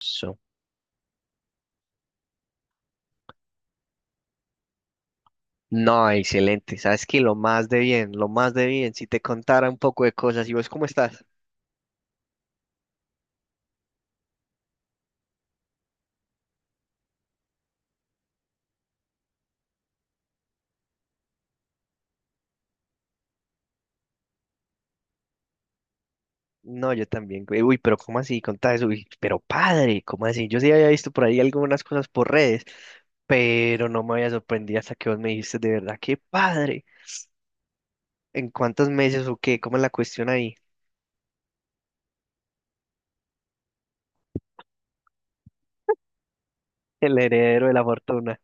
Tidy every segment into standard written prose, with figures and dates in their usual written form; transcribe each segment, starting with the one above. So. No, excelente. Sabes que lo más de bien, lo más de bien. Si te contara un poco de cosas, ¿y vos cómo estás? No, yo también, güey. Uy, pero ¿cómo así? Contá eso. Uy, pero padre, ¿cómo así? Yo sí había visto por ahí algunas cosas por redes, pero no me había sorprendido hasta que vos me dijiste, de verdad, qué padre. ¿En cuántos meses o qué? ¿Cómo es la cuestión ahí? El heredero de la fortuna.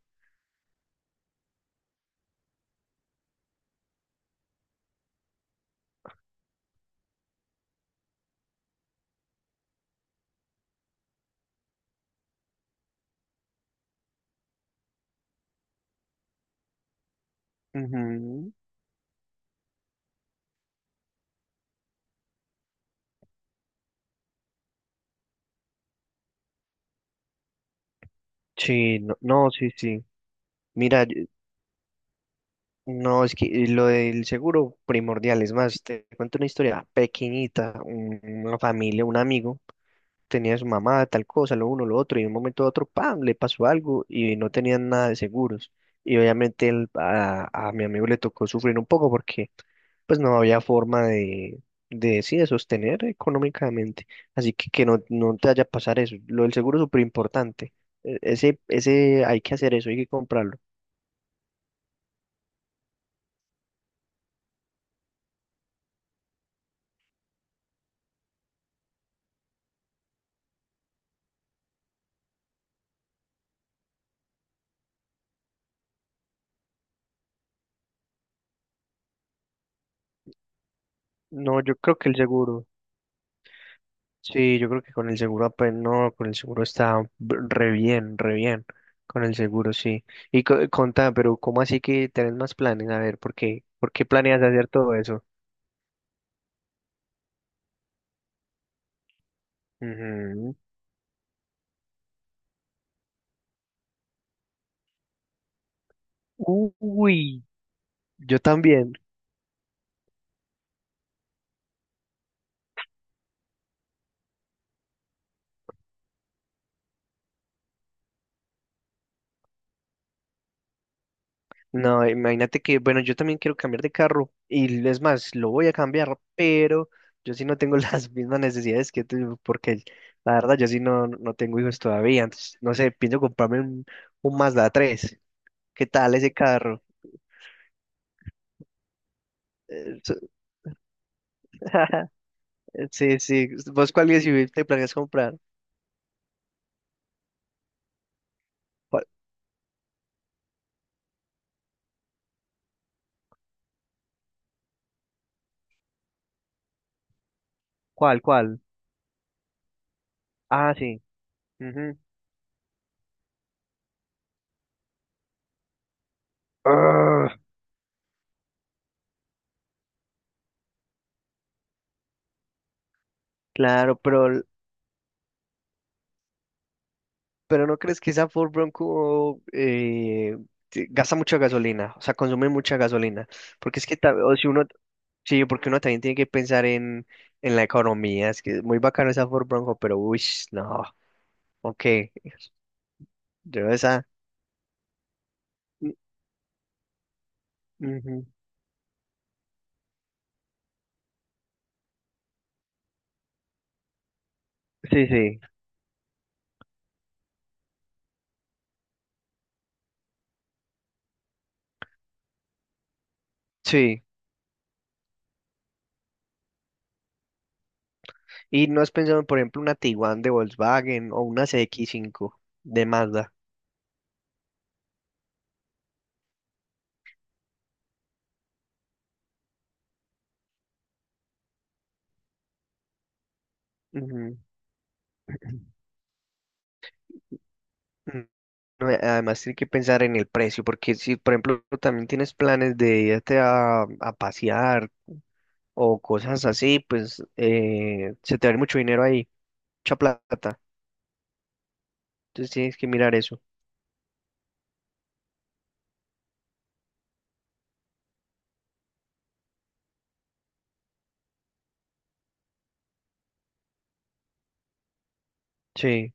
Ujú. Sí, no, no, sí, sí. Mira, no, es que lo del seguro primordial, es más, te cuento una historia pequeñita, una familia, un amigo, tenía su mamá, tal cosa, lo uno, lo otro, y de un momento a otro, ¡pam!, le pasó algo y no tenían nada de seguros. Y obviamente a mi amigo le tocó sufrir un poco porque pues no había forma de, sí, de sostener económicamente. Así que no, no te vaya a pasar eso. Lo del seguro es súper importante. Ese, ese, hay que hacer eso, hay que comprarlo. No, yo creo que el seguro. Sí, yo creo que con el seguro apenas, no, con el seguro está re bien, re bien. Con el seguro, sí. Y contá, pero ¿cómo así que tenés más planes? A ver, ¿por qué? ¿Por qué planeas hacer todo eso? Ujú. Uy, yo también. No, imagínate que, bueno, yo también quiero cambiar de carro y es más, lo voy a cambiar, pero yo sí no tengo las mismas necesidades que tú, porque la verdad yo sí no, no tengo hijos todavía, entonces, no sé, pienso comprarme un Mazda 3. ¿Qué tal ese carro? Eh, su- Sí, sí. ¿Vos cuál USUV te planeas comprar? ¿Cuál, cuál? Cuál? Ah, sí. Ujú. Ah, claro, pero, pero ¿no crees que esa Ford Bronco gasta mucha gasolina? O sea, consume mucha gasolina. Porque es que o si uno, sí, porque uno también tiene que pensar en la economía. Es que es muy bacano esa Ford Bronco, pero uy, no. Ok. Yo esa. Mm, ujú. Sí, sí. Sí. ¿Y no has pensado, por ejemplo, una Tiguan de Volkswagen o una cx cinco de Mazda? Ujú. Mm, no, además, tienes que pensar en el precio, porque si, por ejemplo, también tienes planes de irte a pasear o cosas así, pues se te va a ir mucho dinero ahí, mucha plata. Entonces tienes que mirar eso. Sí,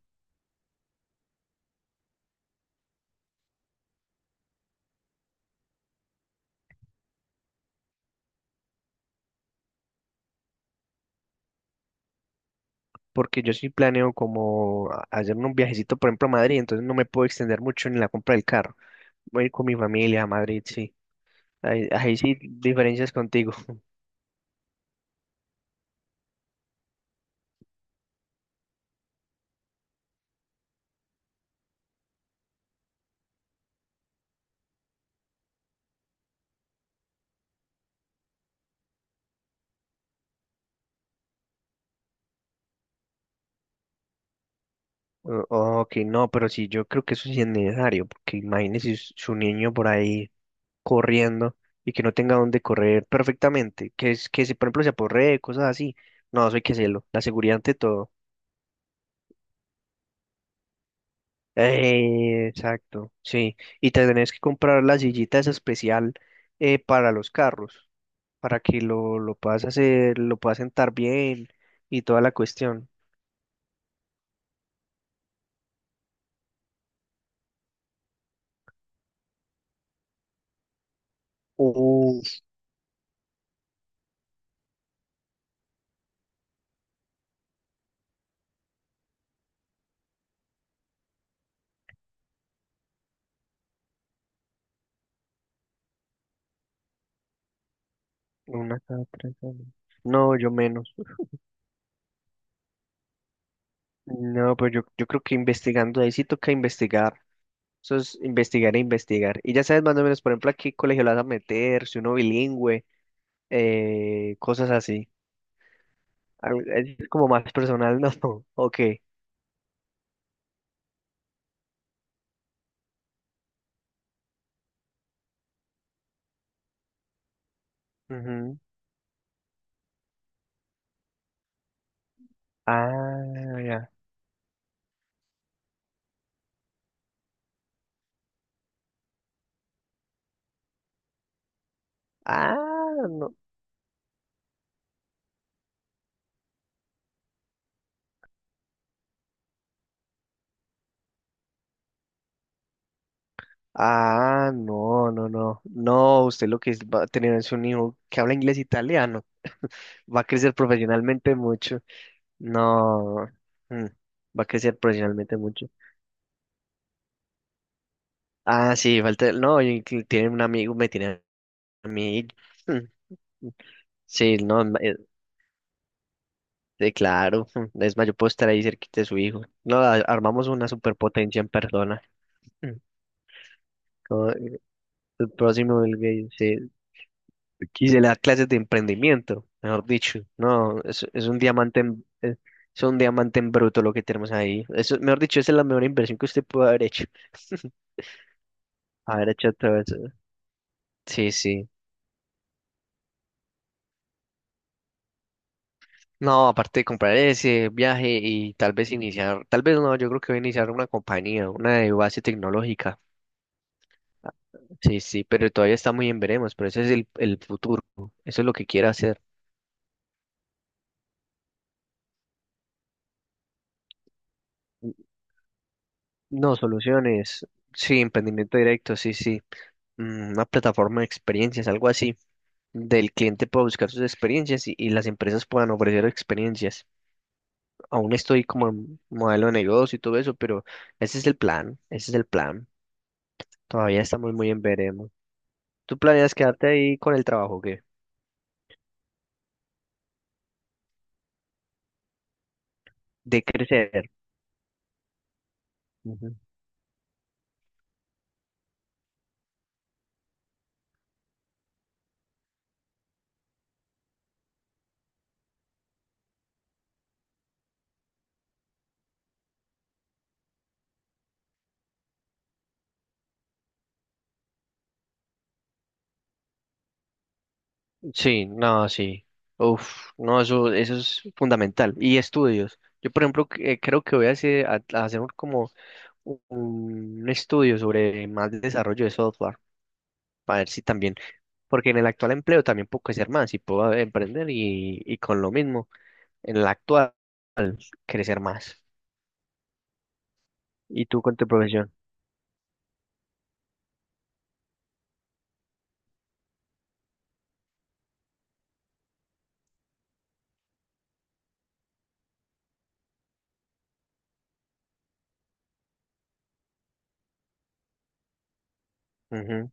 porque yo sí planeo como hacer un viajecito, por ejemplo, a Madrid, entonces no me puedo extender mucho en la compra del carro. Voy a ir con mi familia a Madrid, sí. Ahí, ahí sí, diferencias contigo. Ok, no, pero sí, yo creo que eso sí es necesario, porque imagínese su niño por ahí corriendo y que no tenga dónde correr perfectamente, que es que si por ejemplo se aporree, cosas así. No, eso hay que hacerlo, la seguridad ante todo. Exacto, sí. Y te tenés que comprar la sillita esa especial para los carros, para que lo puedas hacer, lo puedas sentar bien y toda la cuestión. Uf, una cada tres años. No, yo menos. No, pero yo creo que investigando ahí sí toca investigar. Eso es investigar e investigar. Y ya sabes más o menos, por ejemplo, a qué colegio lo vas a meter, si uno bilingüe, cosas así. Al- Es como más personal, ¿no? Ok. Ujú. Ah, ya. Ah, no. Ah, no, no, no. No, usted lo que va a tener es un hijo que habla inglés e italiano. Va a crecer profesionalmente mucho. No. Mm. Va a crecer profesionalmente mucho. Ah, sí, falta, no, y que tiene un amigo, me tiene a mí. Mm. Sí, no, claro, mm, es más, yo puedo estar ahí cerquita de su hijo. No, armamos una superpotencia en persona. Mm, como, eh, el próximo Bill Gates, sí. Y se le da clases de emprendimiento, mejor dicho. No, es un diamante en, es un diamante en bruto lo que tenemos ahí. Eso, mejor dicho, esa es la mejor inversión que usted pudo haber hecho. Haber hecho todo eso. Sí, sí. No, aparte de comprar ese viaje y tal vez iniciar, tal vez no, yo creo que voy a iniciar una compañía, una de base tecnológica. Sí, sí, pero todavía está muy en veremos, pero ese es el futuro, eso es lo que quiero hacer. No, soluciones, sí, emprendimiento directo, sí, sí, mm, una plataforma de experiencias, algo así, del cliente pueda buscar sus experiencias y las empresas puedan ofrecer experiencias. Aún estoy como en modelo de negocio y todo eso, pero ese es el plan, ese es el plan. Todavía estamos muy en veremos. ¿Tú planeas quedarte ahí con el trabajo, o qué? De crecer. Ujú. Sí, no, sí. Uf, no, eso es fundamental. Y estudios. Yo, por ejemplo, creo que voy a hacer, a hacer como un estudio sobre más desarrollo de software, para ver si también, porque en el actual empleo también puedo crecer más y puedo emprender y con lo mismo, en el actual, crecer más. ¿Y tú con tu profesión? Ujú.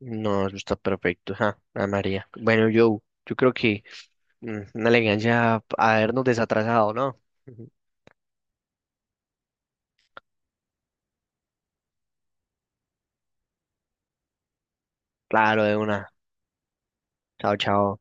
No, eso está perfecto. Ja, Ana María. Bueno, yo creo que... Mm, una elegancia habernos desatrasado, ¿no? Claro, de una. Chao, chao.